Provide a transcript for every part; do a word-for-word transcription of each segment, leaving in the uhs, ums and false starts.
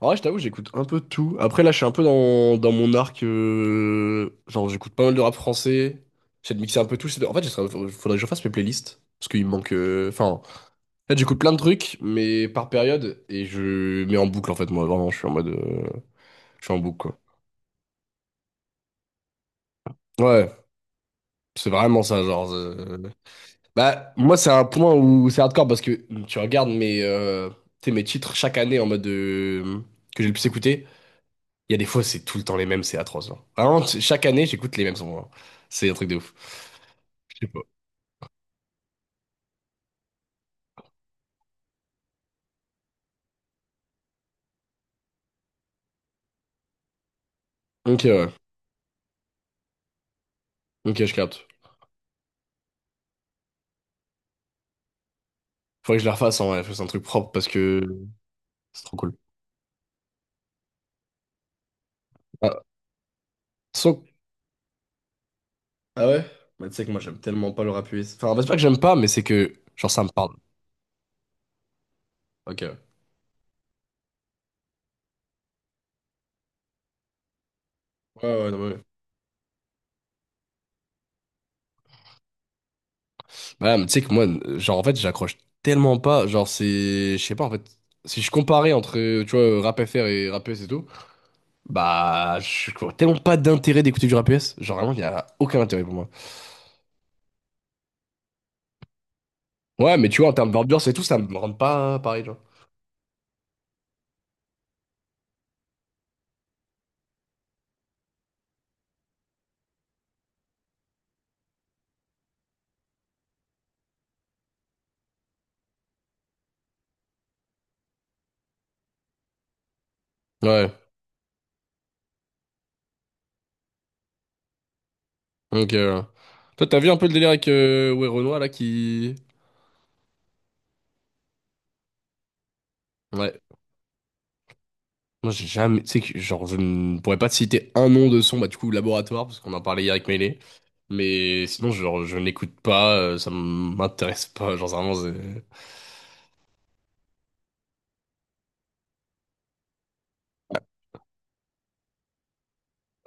En vrai, je t'avoue, j'écoute un peu de tout. Après, là, je suis un peu dans, dans mon arc. euh, Genre, j'écoute pas mal de rap français. J'essaie de mixer un peu tout. J'essaie de- En fait, j'essaie- faudrait que je fasse mes playlists. Parce qu'il me manque. euh, Enfin, en fait, j'écoute plein de trucs, mais par période. Et je mets en boucle, en fait, moi. Vraiment, je suis en mode. euh, Je suis en boucle, quoi. Ouais, c'est vraiment ça, genre. euh, Bah, moi, c'est un point où c'est hardcore parce que tu regardes mes, euh, tu sais, mes titres chaque année en mode. euh, Que j'ai le plus écouté. Il y a des fois, c'est tout le temps les mêmes, c'est atroce, genre. Vraiment, t- chaque année, j'écoute les mêmes sons, genre. C'est un truc de ouf. Je sais pas. Ok, ouais. Ok, je capte. Faudrait que je les refasse en vrai, fasse un truc propre parce que c'est trop cool. Ah, so- Ah ouais? Bah, tu sais que moi, j'aime tellement pas le rap U S. Enfin, c'est pas que j'aime pas, mais c'est que, genre, ça me parle. Ok. Ouais, ouais, non, mais ouais. Bah, mais tu sais que moi, euh, genre, en fait, j'accroche tellement pas. Genre, c'est. Je sais pas, en fait. Si je comparais entre, euh, tu vois, rap F R et rap U S et tout, bah, je vois tellement pas d'intérêt d'écouter du rap U S. Genre, vraiment, il y a aucun intérêt pour moi. Ouais, mais tu vois, en termes d'ambiance et tout, ça me rend pas pareil, genre. Ouais, donc... euh, toi, t'as vu un peu le délire avec euh, ouais, Renoir, là, qui... Ouais. Moi, j'ai jamais... Tu sais que, genre, je ne pourrais pas te citer un nom de son, bah, du coup, Laboratoire, parce qu'on en parlait hier avec Melee. Mais sinon, genre, je n'écoute pas, euh, ça m'intéresse pas, genre, vraiment, c'est- euh,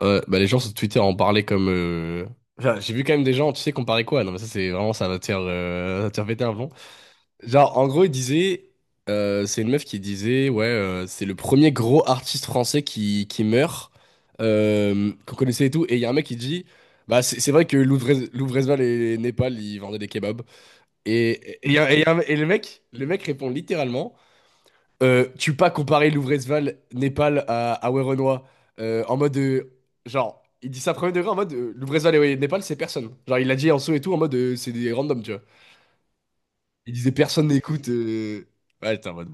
ouais, bah, les gens sur Twitter en parlaient comme euh, enfin, j'ai vu quand même des gens, tu sais, comparer quoi? Non, mais ça, c'est vraiment, ça va te faire, euh, ça va te faire péter un plomb. Genre, en gros, il disait, euh, c'est une meuf qui disait, ouais, euh, c'est le premier gros artiste français qui, qui meurt, euh, qu'on connaissait et tout. Et il y a un mec qui dit, bah, c'est c'est vrai que Louvrez- Louvrezval et Népal, ils vendaient des kebabs. Et, et, il y a- et il y a un- et le mec, le mec répond littéralement, euh, tu peux pas comparer Louvrezval, Népal à, à Werenoi, euh, en mode, euh, genre, il dit ça premier degré en mode, euh, Louvrezval et ouais, Népal, c'est personne. Genre, il l'a dit en dessous et tout, en mode, euh, c'est des randoms, tu vois. Il disait, personne n'écoute. euh, Ouais, t'es en mode.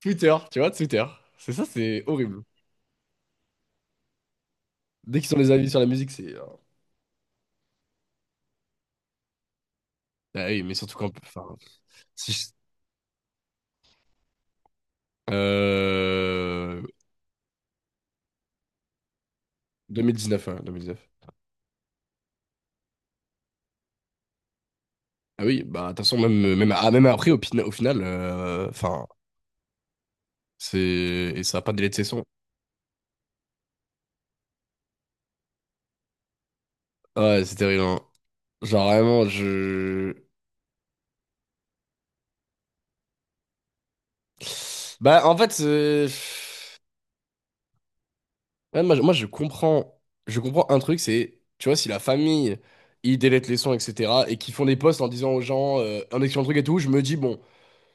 Twitter, tu vois, Twitter. C'est ça, c'est horrible. Dès qu'ils ont les avis sur la musique, c'est. Ah oui, mais surtout quand. Enfin, si je- Euh... deux mille dix-neuf, hein, deux mille dix-neuf. Ah oui, bah, de toute façon, même, même, ah, même après, au, pina- au final, euh, enfin, c'est. Et ça a pas de délai de session. Ouais, c'est terrible, hein. Genre, vraiment, je. Bah, en fait, euh, ouais, moi, je moi, je comprends. Je comprends un truc, c'est. Tu vois, si la famille, ils délaient les sons, et cetera, et qu'ils font des posts en disant aux gens, euh, en expliquant le truc et tout, je me dis, bon.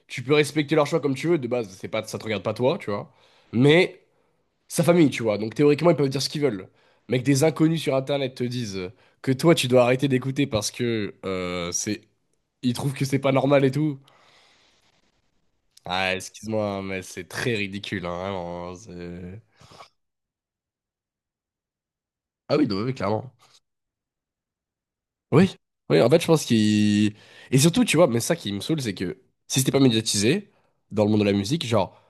Tu peux respecter leur choix comme tu veux, de base, c'est pas, ça te regarde pas toi, tu vois. Mais sa famille, tu vois. Donc théoriquement, ils peuvent dire ce qu'ils veulent. Mais que des inconnus sur Internet te disent que toi, tu dois arrêter d'écouter parce que euh, c'est, ils trouvent que c'est pas normal et tout. Ah, excuse-moi, mais c'est très ridicule, hein, vraiment. c'est- Ah oui, non, oui, clairement. Oui, oui, en fait, je pense qu'il... Et surtout, tu vois, mais ça qui me saoule, c'est que si c'était pas médiatisé dans le monde de la musique, genre,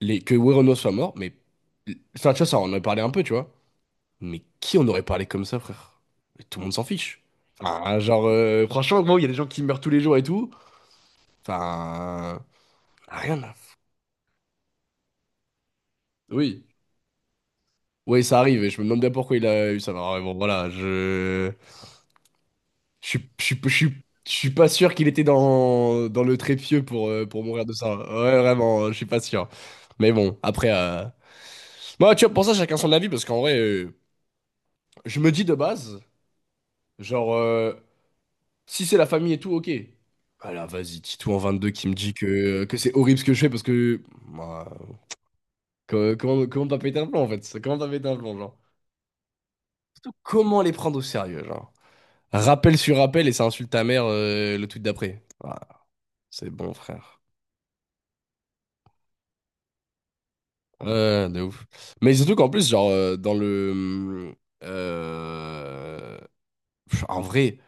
les... que Werenoi soit mort, mais... Enfin, tu vois, ça, on en a parlé un peu, tu vois. Mais qui en aurait parlé comme ça, frère? Mais Tout le monde s'en fiche. Enfin, genre, euh, franchement, gros, il y a des gens qui meurent tous les jours et tout. Enfin, rien à- oui. Oui, ça arrive, et je me demande bien pourquoi il a eu ça. Alors, bon, voilà, je... Je suis, je suis, je suis, je suis pas sûr qu'il était dans, dans le trépied pour, euh, pour mourir de ça. Ouais, vraiment, je suis pas sûr. Mais bon, après... euh, Moi, tu vois, pour ça, chacun son avis, parce qu'en vrai, euh, je me dis de base, genre... euh, si c'est la famille et tout, ok. Voilà, vas-y, Titou en vingt-deux qui me dit que, que c'est horrible ce que je fais parce que. Bah, co- comment comment t'as pété un plomb en fait? Ça Comment t'as pété un plomb, genre? Surtout, comment les prendre au sérieux, genre? Rappel sur rappel et ça insulte ta mère euh, le tweet d'après. Ah, c'est bon, frère. Ouais, de ouf. Mais surtout qu'en plus, genre, euh, dans le. euh, pff, En vrai,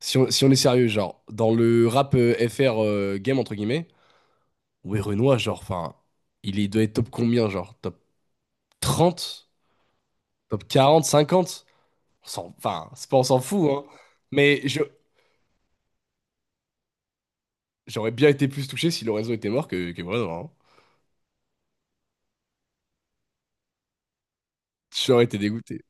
si on, si on est sérieux, genre, dans le rap euh, F R euh, game, entre guillemets. Ouais, Renoir, genre, enfin, il est- doit être top combien, genre? Top trente, top quarante, cinquante. On s'en- Enfin, c'est pas on s'en fout, hein. Mais je- j'aurais bien été plus touché si Lorenzo était mort que, que Renoir, hein. J'aurais été dégoûté.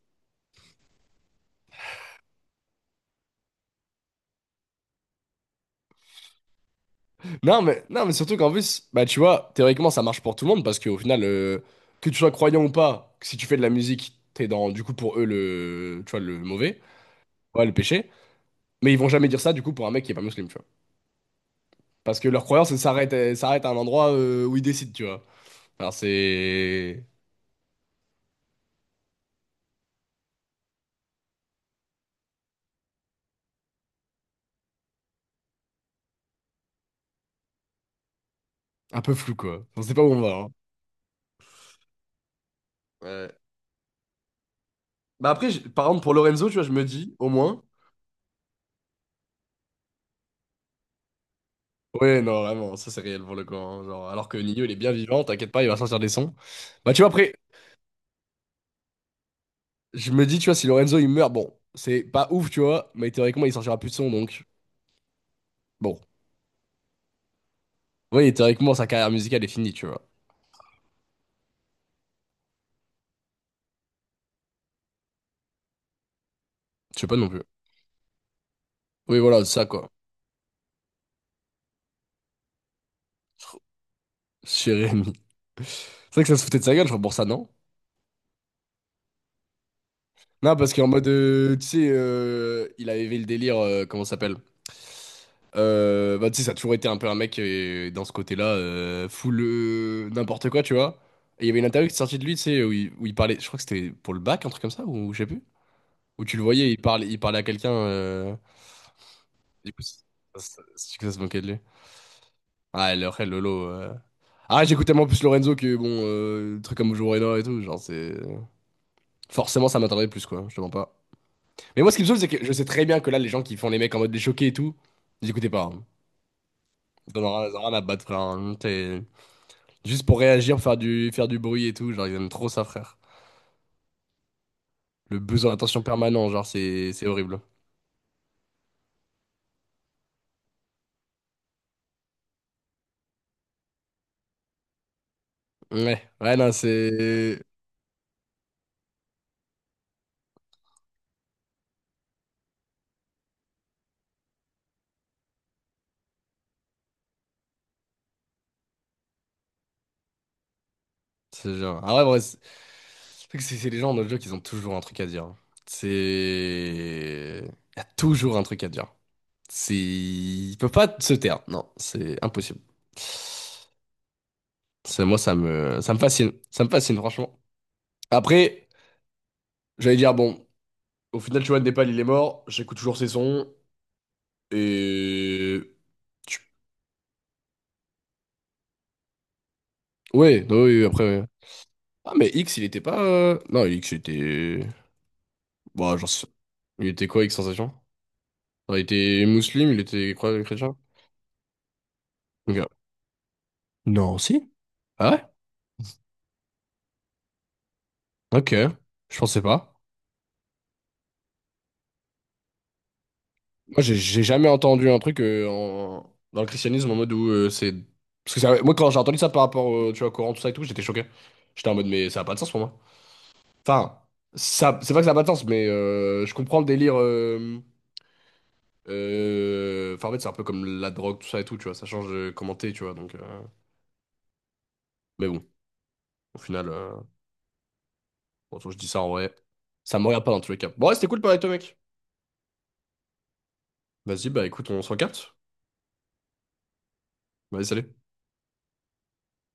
Non, mais, non, mais surtout qu'en plus, bah, tu vois, théoriquement, ça marche pour tout le monde parce qu'au final, euh, que tu sois croyant ou pas, si tu fais de la musique, t'es dans, du coup, pour eux, le, tu vois, le mauvais, ouais, le péché. Mais ils vont jamais dire ça, du coup, pour un mec qui est pas musulman, tu vois. Parce que leur croyance, elle s'arrête, elle s'arrête à un endroit euh, où ils décident, tu vois. Alors c'est un peu flou quoi. On sait pas où on va, hein. Ouais. Bah après, j'- par exemple, pour Lorenzo, tu vois, je me dis, au moins, ouais, non, vraiment, ça c'est réel pour le coup, hein. Genre, alors que Nino il est bien vivant, t'inquiète pas, il va sortir des sons. Bah tu vois, après, je me dis, tu vois, si Lorenzo il meurt, bon, c'est pas ouf, tu vois, mais théoriquement il sortira plus de sons donc. Bon. Oui, théoriquement sa carrière musicale est finie, tu vois. Je sais pas non plus. Oui, voilà, c'est ça quoi. Chez Rémi. C'est vrai que ça se foutait de sa gueule, je crois, pour ça, non? Non, parce qu'en mode, euh, tu sais, euh, il avait le délire, euh, comment ça s'appelle? Euh, bah, tu sais, ça a toujours été un peu un mec euh, dans ce côté-là, euh, full euh, n'importe quoi, tu vois. Et il y avait une interview qui est sortie de lui, tu sais, où il, où il parlait, je crois que c'était pour le bac, un truc comme ça, ou je sais plus. Où tu le voyais, il parlait, il parlait à quelqu'un. euh, Du coup, ça, ça- du coup, ça se moquait de lui. Ah, le Rel Lolo. euh. Ah, j'écoute tellement plus Lorenzo que, bon, euh, le truc comme Joe Reno et tout, genre, c'est. Forcément, ça m'attendait plus, quoi, je te mens pas. Mais moi, ce qui me saoule, c'est que je sais très bien que là, les gens qui font les mecs en mode des choqués et tout, ils écoutaient pas, hein. Ils en ont rien ils en ont rien à battre, frère, hein. T'es- Juste pour réagir, faire du, faire du bruit et tout. Genre, ils aiment trop ça, frère. Le besoin d'attention permanent, genre, c'est c'est horrible. Ouais, ouais, non, c'est. C'est genre. Ah ouais, ouais, c'est c'est que c'est- c'est les gens dans le jeu qui ont toujours un truc à dire, hein. C'est. Il y a toujours un truc à dire. C'est. Ils peuvent pas se taire. Non, c'est impossible. C'est moi, ça me, ça me fascine. Ça me fascine, franchement. Après, j'allais dire, bon, au final, tu vois, Népal, il est mort, j'écoute toujours ses sons, et... tu- Ouais, non, oui, oui, après, ouais. Ah, mais X, il était pas... euh, Non, X, il était... Bon, j'en sais- il était quoi, X Sensation? Non, il était musulman, il était croyant, chrétien? Ok. Non, si? Ah ouais? Ok, je pensais pas. Moi, j'ai j'ai jamais entendu un truc euh, en- dans le christianisme en mode où euh, c'est... Parce que ça- moi, quand j'ai entendu ça par rapport au, tu vois, au Coran, tout ça et tout, j'étais choqué. J'étais en mode, mais ça a pas de sens pour moi. Enfin, ça, c'est pas que ça n'a pas de sens, mais euh, je comprends le délire. euh, euh, Enfin, en fait, c'est un peu comme la drogue, tout ça et tout, tu vois. Ça change de comment t'es, tu vois. Donc, euh, Mais bon, au final, euh, bon, je dis ça en vrai. Ça me regarde pas dans tous les cas. Bon, ouais, c'était cool de parler avec toi, mec. Vas-y, bah écoute, on se recapte. Vas-y, salut.